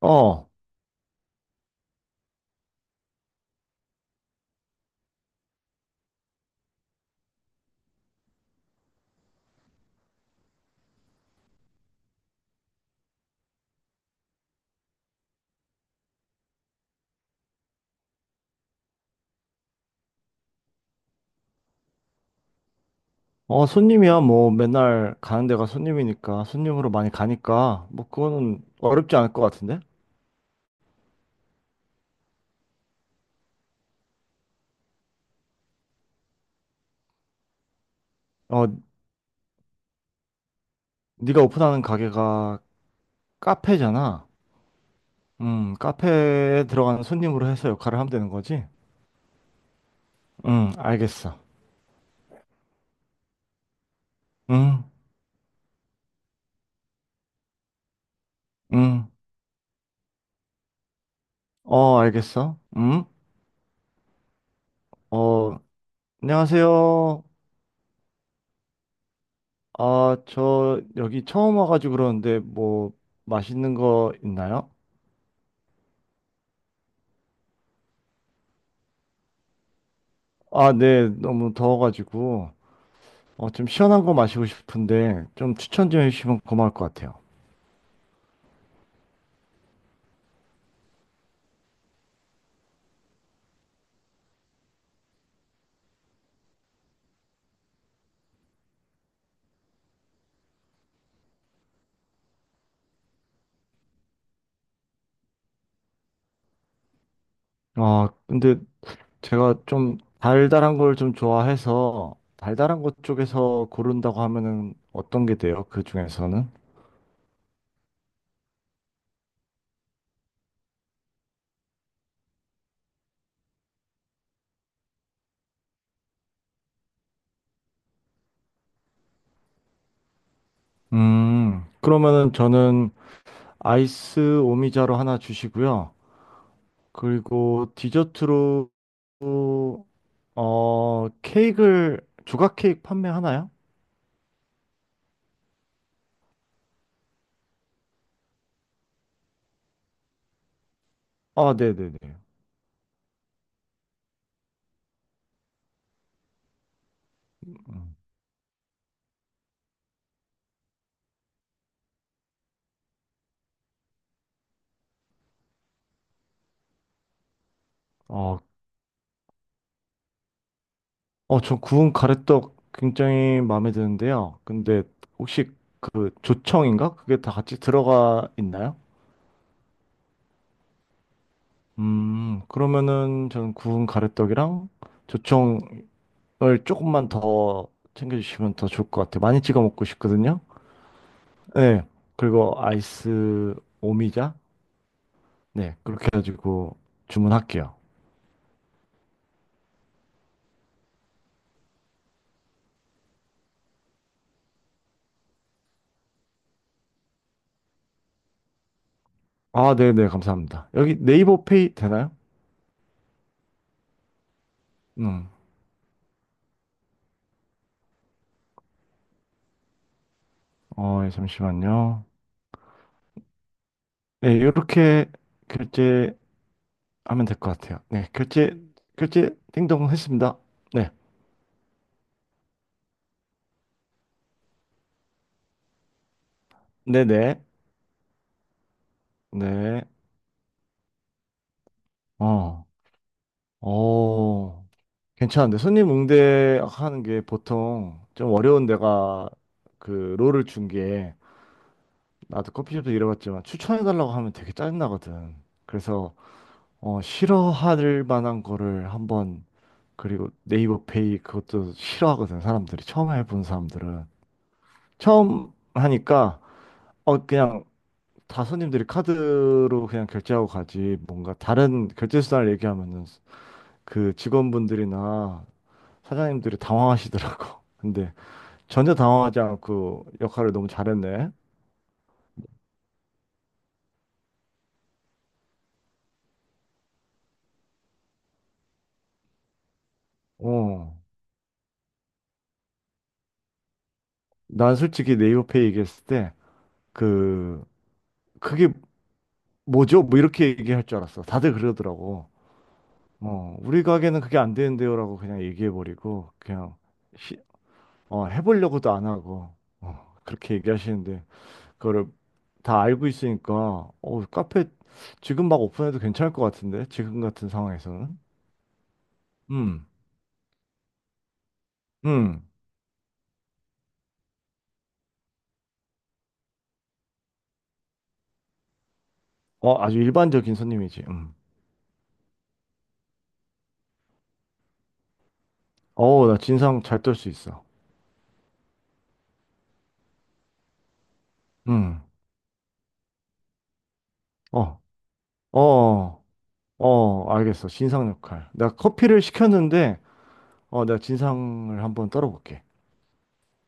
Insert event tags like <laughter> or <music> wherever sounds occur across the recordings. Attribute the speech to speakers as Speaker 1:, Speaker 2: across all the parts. Speaker 1: 어, 어, 손님이야. 뭐, 맨날 가는 데가 손님이니까, 손님으로 많이 가니까, 뭐, 그거는 어렵지 않을 것 같은데? 어, 네가 오픈하는 가게가 카페잖아. 카페에 들어가는 손님으로 해서 역할을 하면 되는 거지? 알겠어. 음, 음, 어, 알겠어. 어, 안녕하세요. 아, 저 여기 처음 와가지고 그러는데, 뭐, 맛있는 거 있나요? 아, 네, 너무 더워가지고. 어, 좀 시원한 거 마시고 싶은데 좀 추천 좀 해주시면 고마울 것 같아요. 아, 근데 제가 좀 달달한 걸 좀 좋아해서 달달한 것 쪽에서 고른다고 하면은 어떤 게 돼요? 그 중에서는? 그러면은 저는 아이스 오미자로 하나 주시고요. 그리고 디저트로 어, 케이크를 조각 케이크 판매하나요? 아, 네네네. 어, 어, 저 구운 가래떡 굉장히 마음에 드는데요. 근데 혹시 그 조청인가? 그게 다 같이 들어가 있나요? 그러면은 저는 구운 가래떡이랑 조청을 조금만 더 챙겨주시면 더 좋을 것 같아요. 많이 찍어 먹고 싶거든요. 네. 그리고 아이스 오미자? 네. 그렇게 해가지고 주문할게요. 아, 네네. 감사합니다. 여기 네이버 페이 되나요? 음. 어, 예, 잠시만요. 네. 이렇게 결제 하면 될 것 같아요. 네, 결제, 결제, 띵동 했습니다. 네, 네네, 네, 네. 어, 어, 괜찮은데. 손님 응대하는 게 보통 좀 어려운 데가 그 롤을 준 게, 나도 커피숍도 일해봤지만 추천해달라고 하면 되게 짜증나거든. 그래서, 어, 싫어할 만한 거를 한번, 그리고 네이버 페이 그것도 싫어하거든, 사람들이. 처음 해본 사람들은. 처음 하니까, 어, 그냥 다 손님들이 카드로 그냥 결제하고 가지 뭔가 다른 결제 수단을 얘기하면은 그 직원분들이나 사장님들이 당황하시더라고. <laughs> 근데 전혀 당황하지 않고 역할을 너무 잘했네. 어. 난 솔직히 네이버페이 얘기했을 때 그 그게 뭐죠? 뭐 이렇게 얘기할 줄 알았어. 다들 그러더라고. 어, 우리 가게는 그게 안 되는데요라고 그냥 얘기해 버리고 그냥 시- 어, 해보려고도 안 하고 어, 그렇게 얘기하시는데 그거를 다 알고 있으니까 어, 카페 지금 막 오픈해도 괜찮을 것 같은데 지금 같은 상황에서는 음, 음, 어, 아주 일반적인 손님이지 어, 나 진상 잘 떨 수 있어 음, 어, 어, 어, 어, 알겠어 진상 역할 내가 커피를 시켰는데 어, 내가 진상을 한번 떨어볼게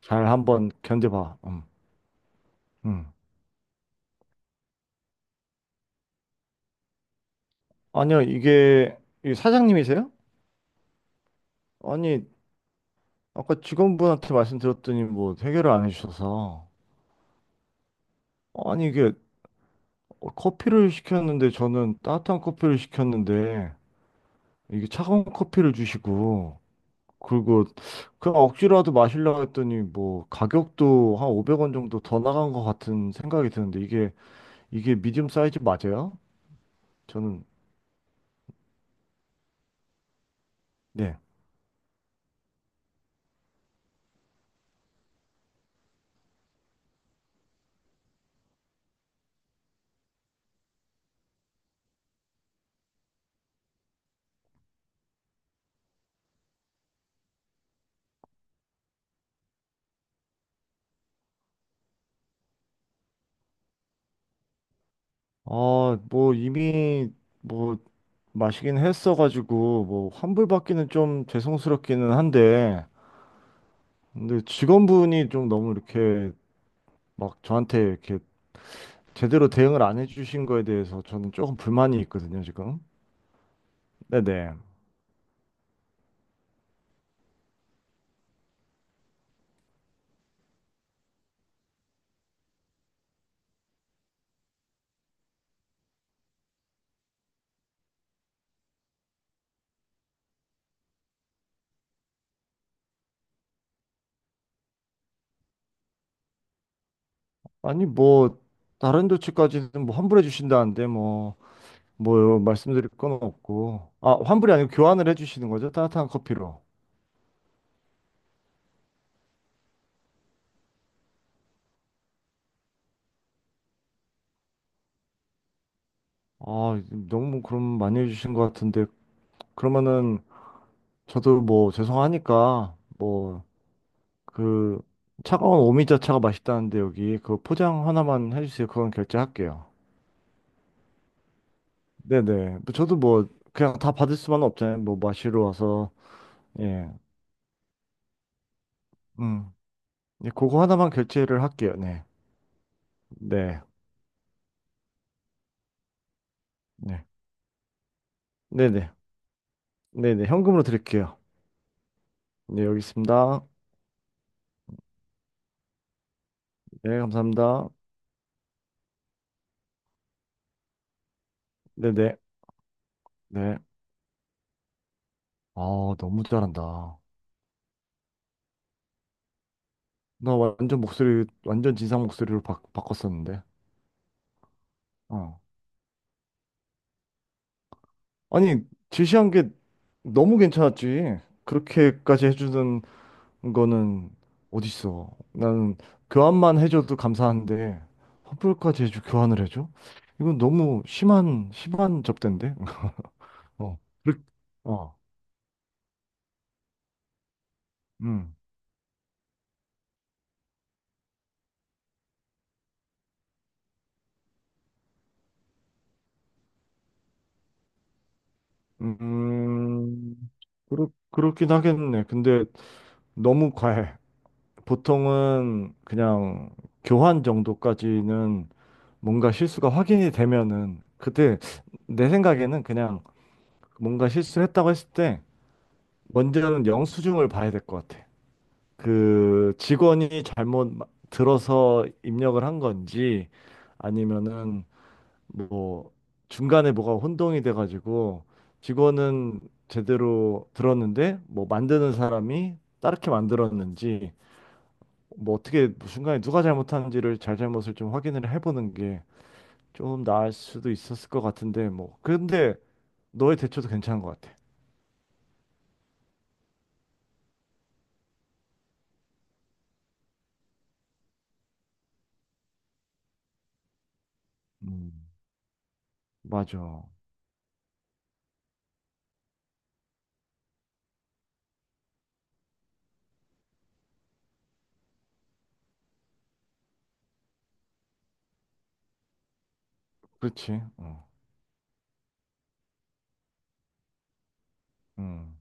Speaker 1: 잘 한번 견뎌봐 음. 아니요 이게 이 사장님이세요? 아니 아까 직원분한테 말씀드렸더니 뭐 해결을 안 해주셔서 아니 이게 어, 커피를 시켰는데 저는 따뜻한 커피를 시켰는데 이게 차가운 커피를 주시고 그리고 그냥 억지로라도 마시려고 했더니 뭐 가격도 한 500원 정도 더 나간 것 같은 생각이 드는데 이게 이게 미디움 사이즈 맞아요? 저는 네. 아, 뭐 이미 뭐 마시긴 했어가지고 뭐 환불받기는 좀 죄송스럽기는 한데 근데 직원분이 좀 너무 이렇게 막 저한테 이렇게 제대로 대응을 안 해주신 거에 대해서 저는 조금 불만이 있거든요, 지금. 네네. 아니, 뭐, 다른 조치까지는 뭐 환불해 주신다는데, 뭐, 뭐, 말씀드릴 건 없고. 아, 환불이 아니고 교환을 해 주시는 거죠? 따뜻한 커피로. 아, 너무 그럼 많이 해 주신 것 같은데, 그러면은 저도 뭐, 죄송하니까, 뭐, 그, 차가운 오미자차가 맛있다는데, 여기, 그 포장 하나만 해 주세요. 그건 결제할게요. 네네. 저도 뭐, 그냥 다 받을 수만 은 없잖아요. 뭐, 마시러 와서. 예, 음, 예, 그거 하나만 결제를 할게요. 네, 네, 네, 네, 네, 네, 네, 현금으로 드릴게요. 네, 여기 있습니다. 네, 감사합니다. 네, 네, 네. 아, 너무 잘한다. 나 완전 목소리, 완전 진상 목소리로 바꿨었는데. 어. 아니, 제시한 게 너무 괜찮았지. 그렇게까지 해주는 그거는 어딨어? 나는 교환만 해줘도 감사한데 환불까지 해줘 교환을 해줘? 이건 너무 심한 심한 접대인데? <laughs> 어, 그렇- 어, 음, 음, 그렇긴 하겠네. 근데 너무 과해. 보통은 그냥 교환 정도까지는 뭔가 실수가 확인이 되면은 그때 내 생각에는 그냥 뭔가 실수했다고 했을 때 먼저는 영수증을 봐야 될 것 같아. 그 직원이 잘못 들어서 입력을 한 건지 아니면은 뭐 중간에 뭐가 혼동이 돼가지고 직원은 제대로 들었는데 뭐 만드는 사람이 다르게 만들었는지 뭐 어떻게 중간에 누가 잘못하는지를 잘잘못을 좀 확인을 해보는 게 좀 나을 수도 있었을 것 같은데 뭐 근데 너의 대처도 괜찮은 것 같아. 음, 맞아. 그렇지. 어. 음.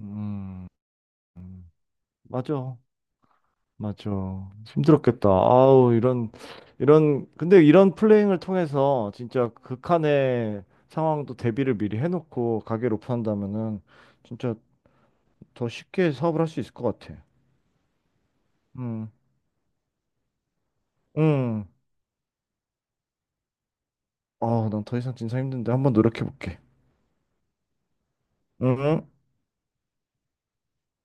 Speaker 1: 음. 음. 맞아. 맞죠. 힘들었겠다. 아우, 이런, 이런, 근데 이런 플레이잉을 통해서 진짜 극한의 상황도 대비를 미리 해놓고 가게 오픈한다면은 진짜 더 쉽게 사업을 할 수 있을 것 같아. 음, 음. 아, 난 더 이상 진짜 힘든데 한번 노력해볼게. 응?